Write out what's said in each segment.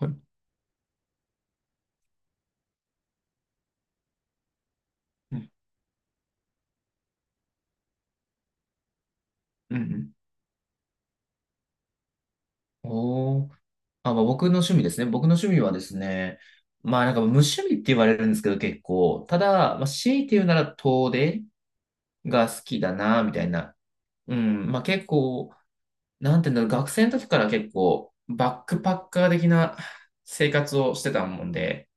はい。うん。うん。うん。おー。あ、まあ、僕の趣味ですね。僕の趣味はですね、まあなんか無趣味って言われるんですけど結構、ただ、まあ、強いて言うなら遠出が好きだな、みたいな。うん、まあ結構、なんていうんだろう、学生の時から結構バックパッカー的な生活をしてたもんで、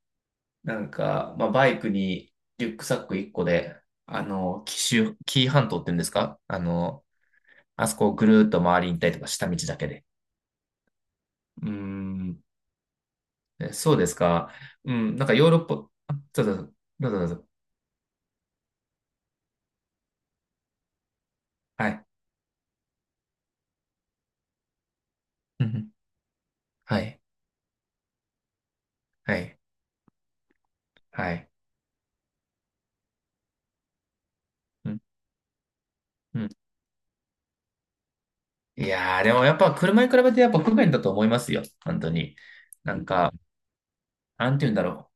なんか、まあバイクにリュックサック1個で、紀州、紀伊半島って言うんですかあそこをぐるーっと回りに行ったりとか下道だけで。うーん。えそうですか。うん、なんかヨーロッパ、あ、どうぞ、どうぞ、どうぞ。はい。うんうん、はい、はい、はい。うん、うん。いやー、でもやっぱ車に比べてやっぱ不便だと思いますよ。本当に。なんか、なんて言うんだろ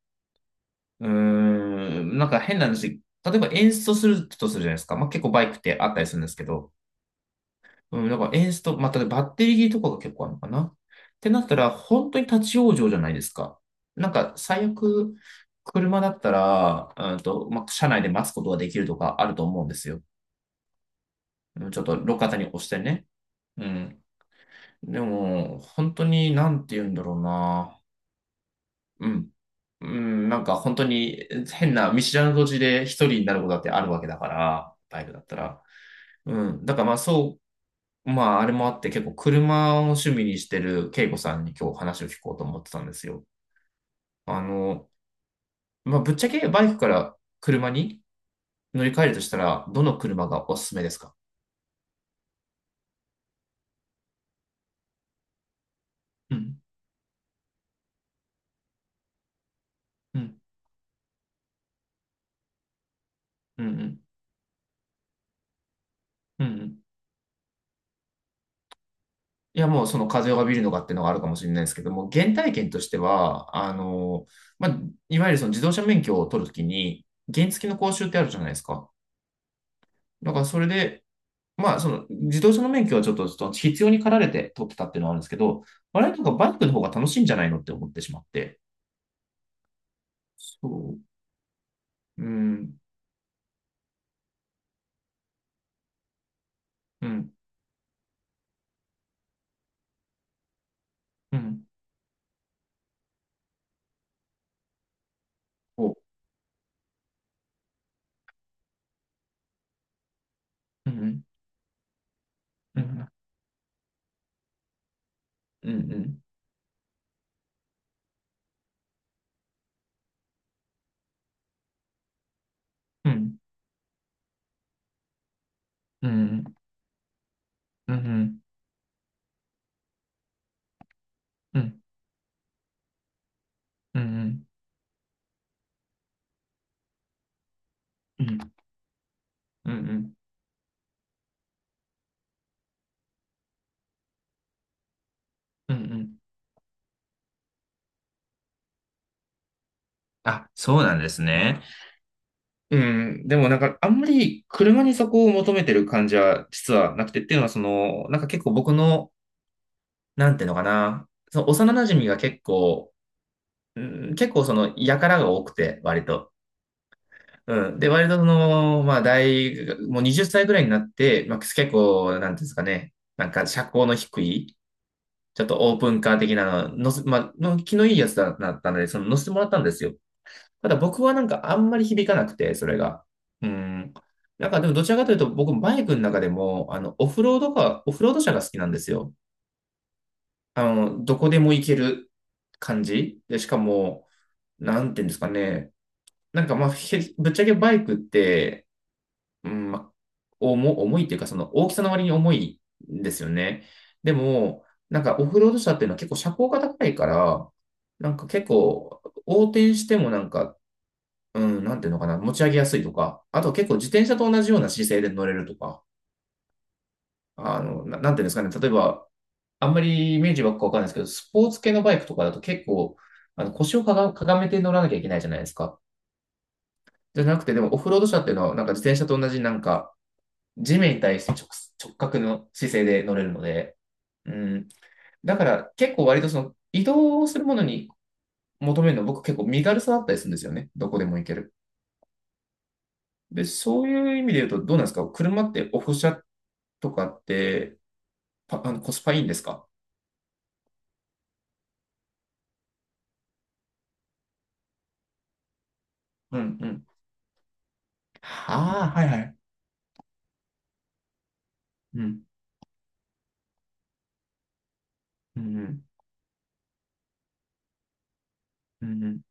う。うーん、なんか変な話。例えば演奏するとするじゃないですか。まあ、結構バイクってあったりするんですけど。うん、なんかエンスト、まあ、ただバッテリー切りとかが結構あるのかな。ってなったら、本当に立ち往生じゃないですか。なんか、最悪、車だったら、まあ、車内で待つことができるとかあると思うんですよ。うん。ちょっと路肩に押してね。うん。でも、本当に、なんて言うんだろうな。うん。うん、なんか本当に変な見知らぬ土地で一人になることだってあるわけだから、バイクだったら。うん。だからまあそう。まあ、あれもあって結構車を趣味にしてる恵子さんに今日話を聞こうと思ってたんですよ。あの、まあ、ぶっちゃけバイクから車に乗り換えるとしたら、どの車がおすすめですか？うん。うん。うん。うん。うん。うん。いや、もうその風を浴びるのかっていうのがあるかもしれないですけども、原体験としては、あの、まあ、いわゆるその自動車免許を取るときに、原付の講習ってあるじゃないですか。だからそれで、まあ、その、自動車の免許はちょっと必要に駆られて取ってたっていうのはあるんですけど、我々とかバイクの方が楽しいんじゃないのって思ってしまって。そう。うん、うん、うん、お、うん、うん、うん、うん、うん、うん、うん、うん、うん、うん、うん、うん、うん、うん、うん、うん。あ、そうなんですね。うん、でもなんかあんまり車にそこを求めてる感じは実はなくてっていうのはその、なんか結構僕の、なんていうのかな、その幼馴染が結構うん、結構その、やからが多くて、割と。うん。で、割とその、まあ、大学、もう20歳ぐらいになって、まあ、結構、なんていうんですかね、なんか、社交の低い、ちょっとオープンカー的なの、のせ、まあ、の気のいいやつだったので、その、乗せてもらったんですよ。ただ僕はなんか、あんまり響かなくて、それが。うん。なんか、でも、どちらかというと、僕、バイクの中でも、あの、オフロードか、オフロード車が好きなんですよ。あの、どこでも行ける感じ。で、しかも、なんていうんですかね、なんかまあ、ぶっちゃけバイクって、うん、まあ、重いっていうか、その大きさの割に重いんですよね。でも、なんかオフロード車っていうのは結構車高が高いから、なんか結構横転してもなんか、うん、なんていうのかな、持ち上げやすいとか、あと結構自転車と同じような姿勢で乗れるとか、あの、なんていうんですかね、例えば、あんまりイメージばっかわかんないですけど、スポーツ系のバイクとかだと結構、あの腰をかがめて乗らなきゃいけないじゃないですか。じゃなくて、でもオフロード車っていうのは、なんか自転車と同じなんか、地面に対して直角の姿勢で乗れるので、うん。だから結構割とその移動するものに求めるの僕結構身軽さだったりするんですよね。どこでも行ける。で、そういう意味で言うとどうなんですか？車ってオフ車とかってパ、あのコスパいいんですか？うんうん。はあ、はいはい。うん。うんうん。うんうん。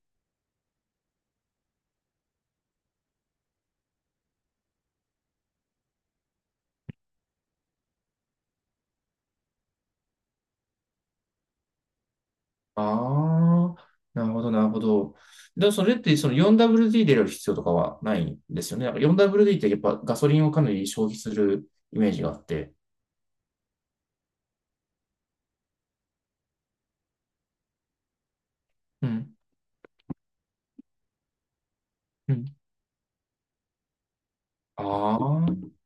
ああ、なるほど、なるほど。でもそれってその 4WD で入れる必要とかはないんですよね。なんか 4WD ってやっぱガソリンをかなり消費するイメージがあって。うん、うん。ああ、うん、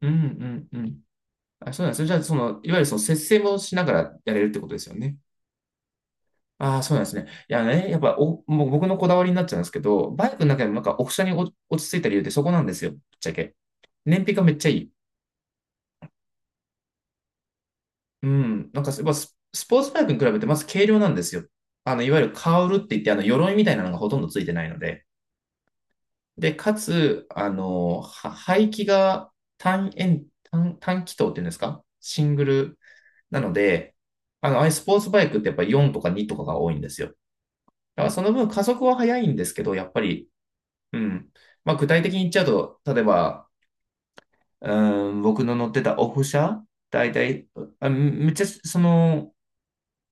うん、うん。あ、そうなんですね。じゃあ、その、いわゆるその節制もしながらやれるってことですよね。ああ、そうなんですね。いやね、やっぱもう僕のこだわりになっちゃうんですけど、バイクの中でもなんかオフ車に落ち着いた理由ってそこなんですよ、ぶっちゃけ。燃費がめっちゃいい。うん、なんかやっぱスポーツバイクに比べてまず軽量なんですよ。あの、いわゆるカウルって言って、あの、鎧みたいなのがほとんどついてないので。で、かつ、あの、排気が単円、単、単気筒っていうんですかシングルなので、あの、ああいうスポーツバイクってやっぱり4とか2とかが多いんですよ。だからその分加速は速いんですけど、やっぱり、うん。まあ、具体的に言っちゃうと、例えば、うん、僕の乗ってたオフ車、だいたい、あめっちゃ、その、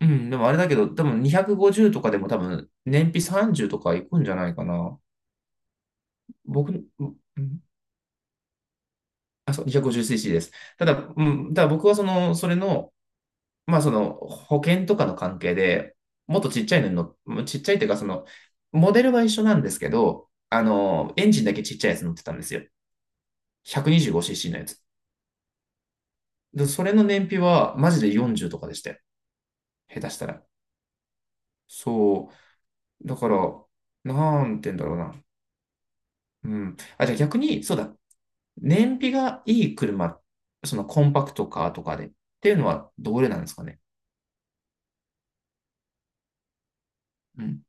うん、でもあれだけど、多分250とかでも多分燃費30とかいくんじゃないかな。僕、うんうあ、そう、250cc です。ただ、うただ僕はその、それの、まあその、保険とかの関係で、もっとちっちゃいのにちっちゃいっていうか、その、モデルは一緒なんですけど、あの、エンジンだけちっちゃいやつ乗ってたんですよ。125cc のやつ。で、それの燃費はマジで40とかでしたよ。下手したら。そう。だから、なんて言うんだろうな。うん。あ、じゃあ逆に、そうだ。燃費がいい車、そのコンパクトカーとかでっていうのはどれなんですかね。うん、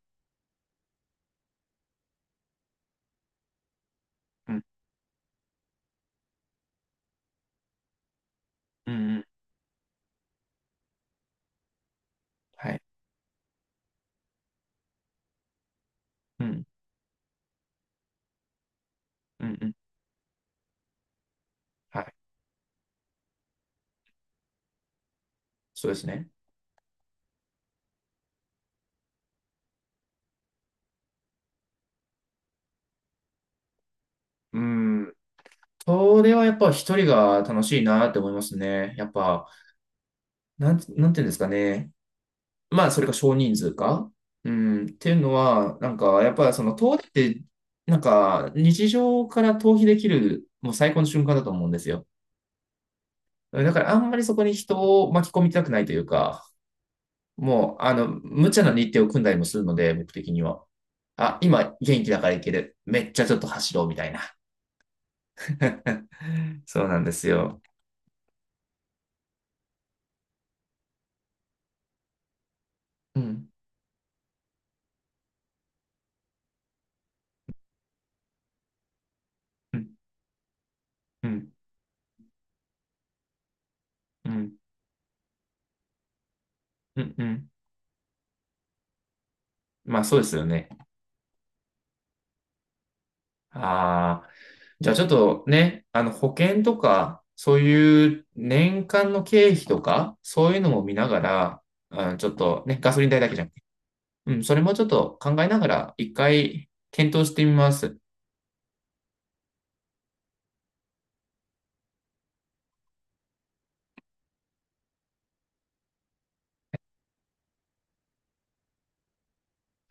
うん、うん、うんはい。うん、うん、うん、はい。そうですね。うん。それはやっぱ一人が楽しいなって思いますね。やっぱ、なんていうんですかね。まあ、それか少人数か。うん。っていうのは、なんか、やっぱその遠出って、なんか、日常から逃避できる、もう最高の瞬間だと思うんですよ。だから、あんまりそこに人を巻き込みたくないというか、もう、あの、無茶な日程を組んだりもするので、僕的には。あ、今元気だからいける。めっちゃちょっと走ろうみたいな。そうなんですよ。うん、うん、うん、うん、うん、うん。まあそうですよね。ああ。じゃあちょっとね、あの保険とか、そういう年間の経費とか、そういうのも見ながら、あのちょっとね、ガソリン代だけじゃなくて、うん、それもちょっと考えながら、1回検討してみます。